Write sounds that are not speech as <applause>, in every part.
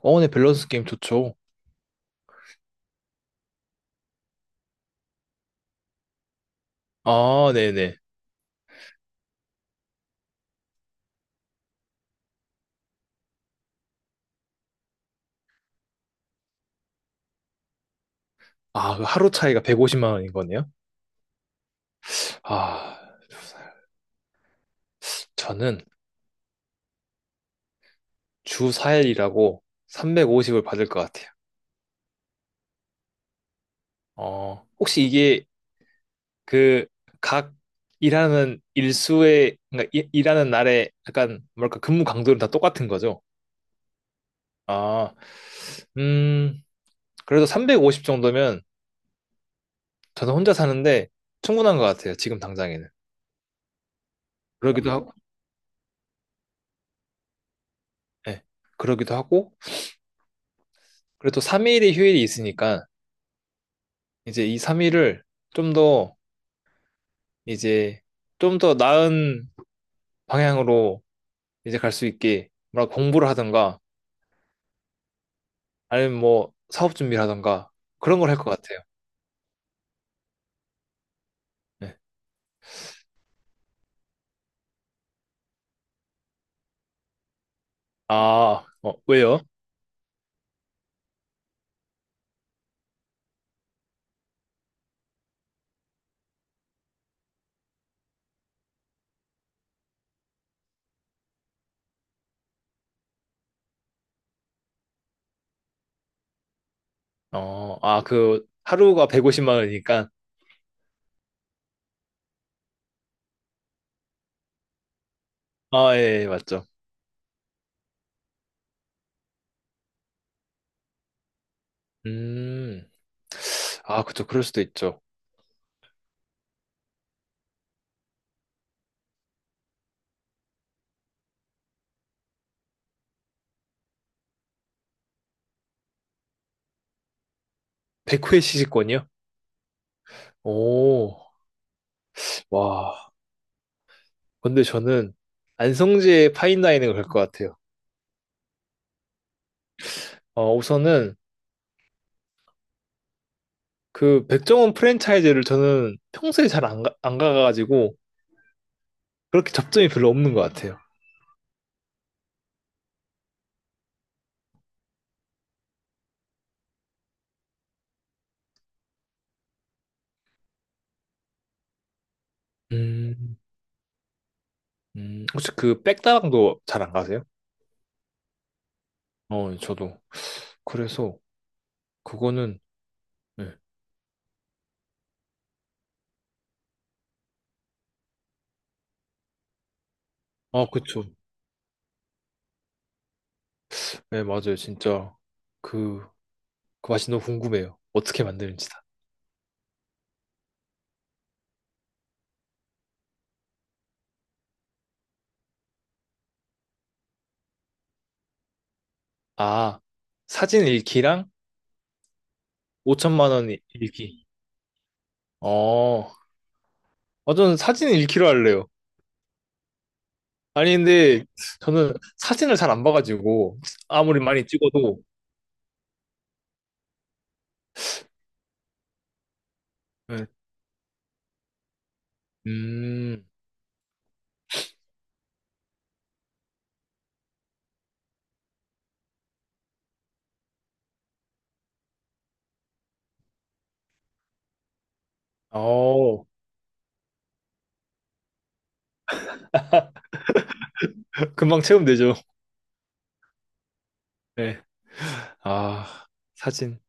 어, 네, 밸런스 게임 좋죠. 아, 네네. 아, 그 하루 차이가 150만 원인 거네요? 아, 저는 주 4일이라고 350을 받을 것 같아요. 어, 혹시 이게 그 각 일하는 일수의, 그러니까 일하는 날에 약간 뭐랄까 근무 강도는 다 똑같은 거죠? 아, 음, 그래도 350 정도면 저는 혼자 사는데 충분한 것 같아요. 지금 당장에는. 그러기도 하고, 예, 그러기도 하고, 그래도 3일이 휴일이 있으니까 이제 이3일을 좀 더 이제 좀 더 나은 방향으로 이제 갈 수 있게 뭐라 공부를 하던가 아니면 뭐 사업 준비를 하던가 그런 걸 할 것 같아요. 네. 아, 어, 왜요? 어, 아, 그 하루가 150만 원이니까 아, 예, 예, 맞죠. 음, 아, 그쵸. 그럴 수도 있죠. 100회 시식권이요? 오, 와. 근데 저는 안성재 파인다이닝을 갈 것 같아요. 어, 우선은 그 백종원 프랜차이즈를 저는 평소에 잘 안 가가지고 그렇게 접점이 별로 없는 것 같아요. 음, 혹시 그 백다방도 잘 안 가세요? 어, 저도. 그래서, 그거는, 네. 아, 그쵸. 네, 맞아요. 진짜, 그, 그 맛이 너무 궁금해요. 어떻게 만드는지 다. 아, 사진 일 기랑 5천만 원 일 기 어, 아, 저는 사진 일 기로 할래요. 아니, 근데 저는 사진을 잘 안 봐가지고 아무리 많이 찍어도 네, 음, 어, 금방 체험되죠. 네. 아, 사진.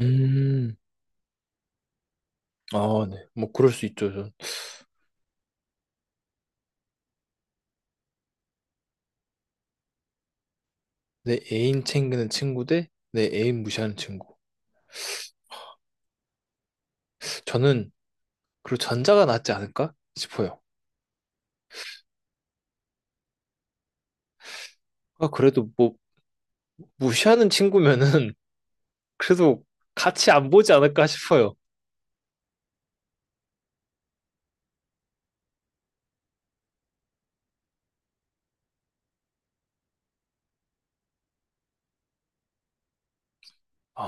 음, 아, 네. 뭐, 그럴 수 있죠. 전. 내 애인 챙기는 친구 대내 애인 무시하는 친구. 저는, 그리고 전자가 낫지 않을까 싶어요. 아, 그래도 뭐, 무시하는 친구면은, <laughs> 그래도 같이 안 보지 않을까 싶어요. 아,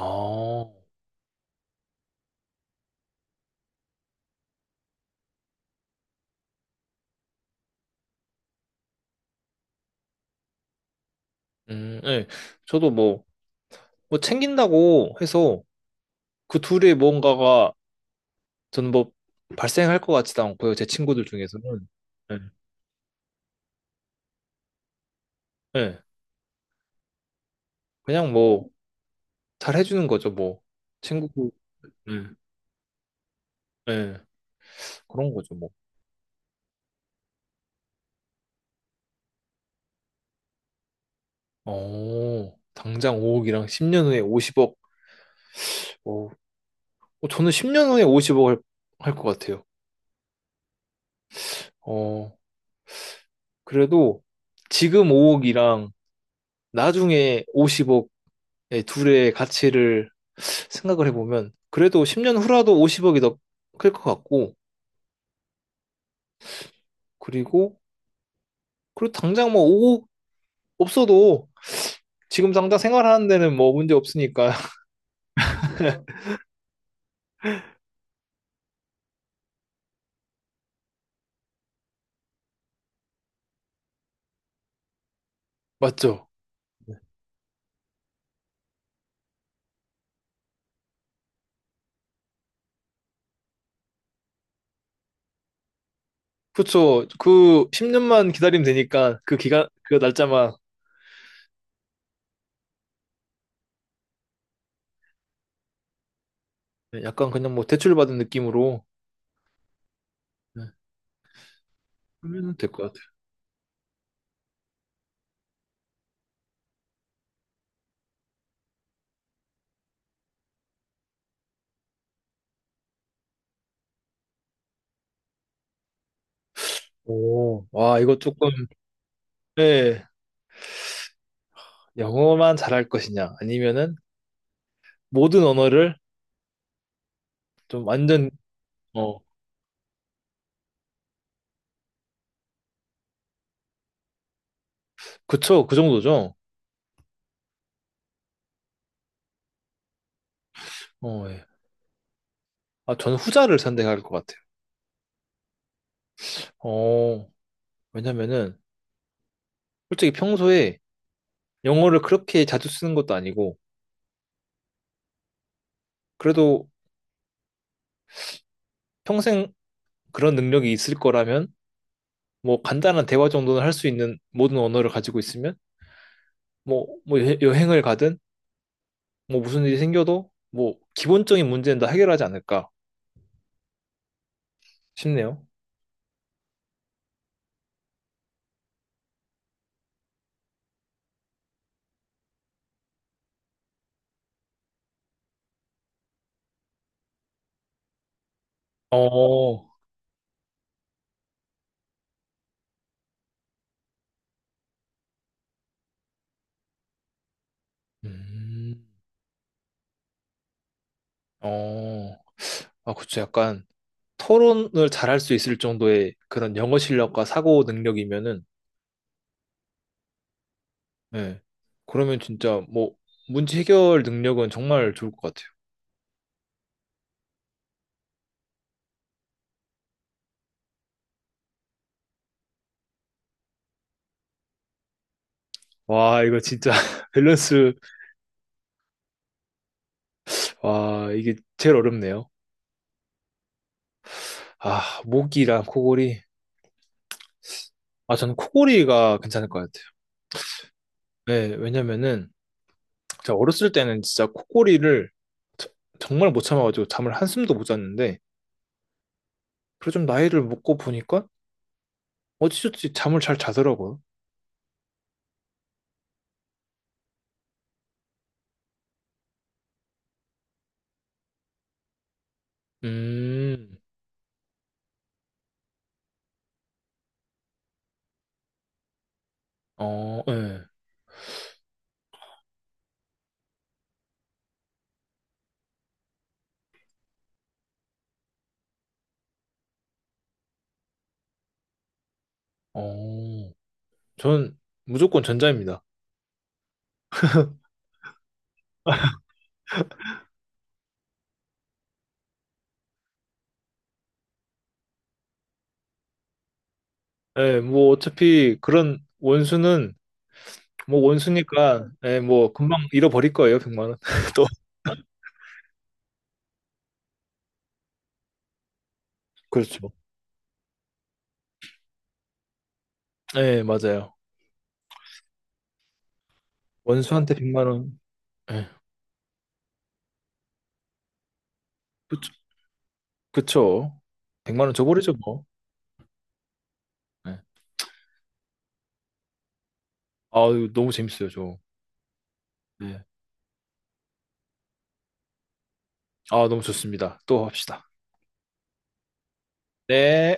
네. 저도 뭐, 뭐 챙긴다고 해서 그 둘의 뭔가가 저는 뭐 발생할 것 같지도 않고요. 제 친구들 중에서는. 네. 예. 그냥 뭐, 잘 해주는 거죠, 뭐. 친구, 예, 예. 그런 거죠, 뭐. 어, 당장 5억이랑 10년 후에 50억. 어, 어, 저는 10년 후에 50억을 할 것 같아요. 어, 그래도 지금 5억이랑 나중에 50억의 둘의 가치를 생각을 해보면, 그래도 10년 후라도 50억이 더 클 것 같고, 그리고, 그리고 당장 뭐 5억 없어도 지금 당장 생활하는 데는 뭐 문제 없으니까. <laughs> 맞죠? 그쵸. 그 10년만 기다리면 되니까 그 기간, 그 날짜만 네, 약간 그냥 뭐 대출받은 느낌으로 네, 하면 될 것 같아요. 오, 와, 이거 조금, 네 영어만 잘할 것이냐, 아니면은 모든 언어를 좀 완전, 어, 그쵸. 그 정도죠. 어, 예. 아, 저는 후자를 선택할 것 같아요. 어, 왜냐면은 솔직히 평소에 영어를 그렇게 자주 쓰는 것도 아니고, 그래도 평생 그런 능력이 있을 거라면 뭐 간단한 대화 정도는 할 수 있는 모든 언어를 가지고 있으면 뭐, 뭐 여행을 가든 뭐 무슨 일이 생겨도 뭐 기본적인 문제는 다 해결하지 않을까 싶네요. 어, 음, 어, 아, 그쵸. 약간 토론을 잘할 수 있을 정도의 그런 영어 실력과 사고 능력이면은, 예. 그러면 진짜 뭐 문제 해결 능력은 정말 좋을 것 같아요. 와, 이거 진짜 <laughs> 밸런스, 와, 이게 제일 어렵네요. 아, 모기랑 코골이. 아, 저는 코골이가 괜찮을 것 같아요. 네, 왜냐면은 제가 어렸을 때는 진짜 코골이를 저- 정말 못 참아가지고 잠을 한숨도 못 잤는데 그래 좀 나이를 먹고 보니까 어찌저찌 잠을 잘 자더라고요. 음, 어, 예, 어, 전 무조건 전자입니다. 예, 뭐 어차피 그런 원수는 뭐 원수니까 예, 뭐 금방 잃어버릴 거예요, 100만 원. <laughs> 또 그렇죠. 예, 맞아요. 원수한테 100만 원. 예. 그쵸. 100만 원 줘버리죠, 뭐. 네. 아, 너무 재밌어요, 저. 네. 아, 너무 좋습니다. 또 합시다. 네.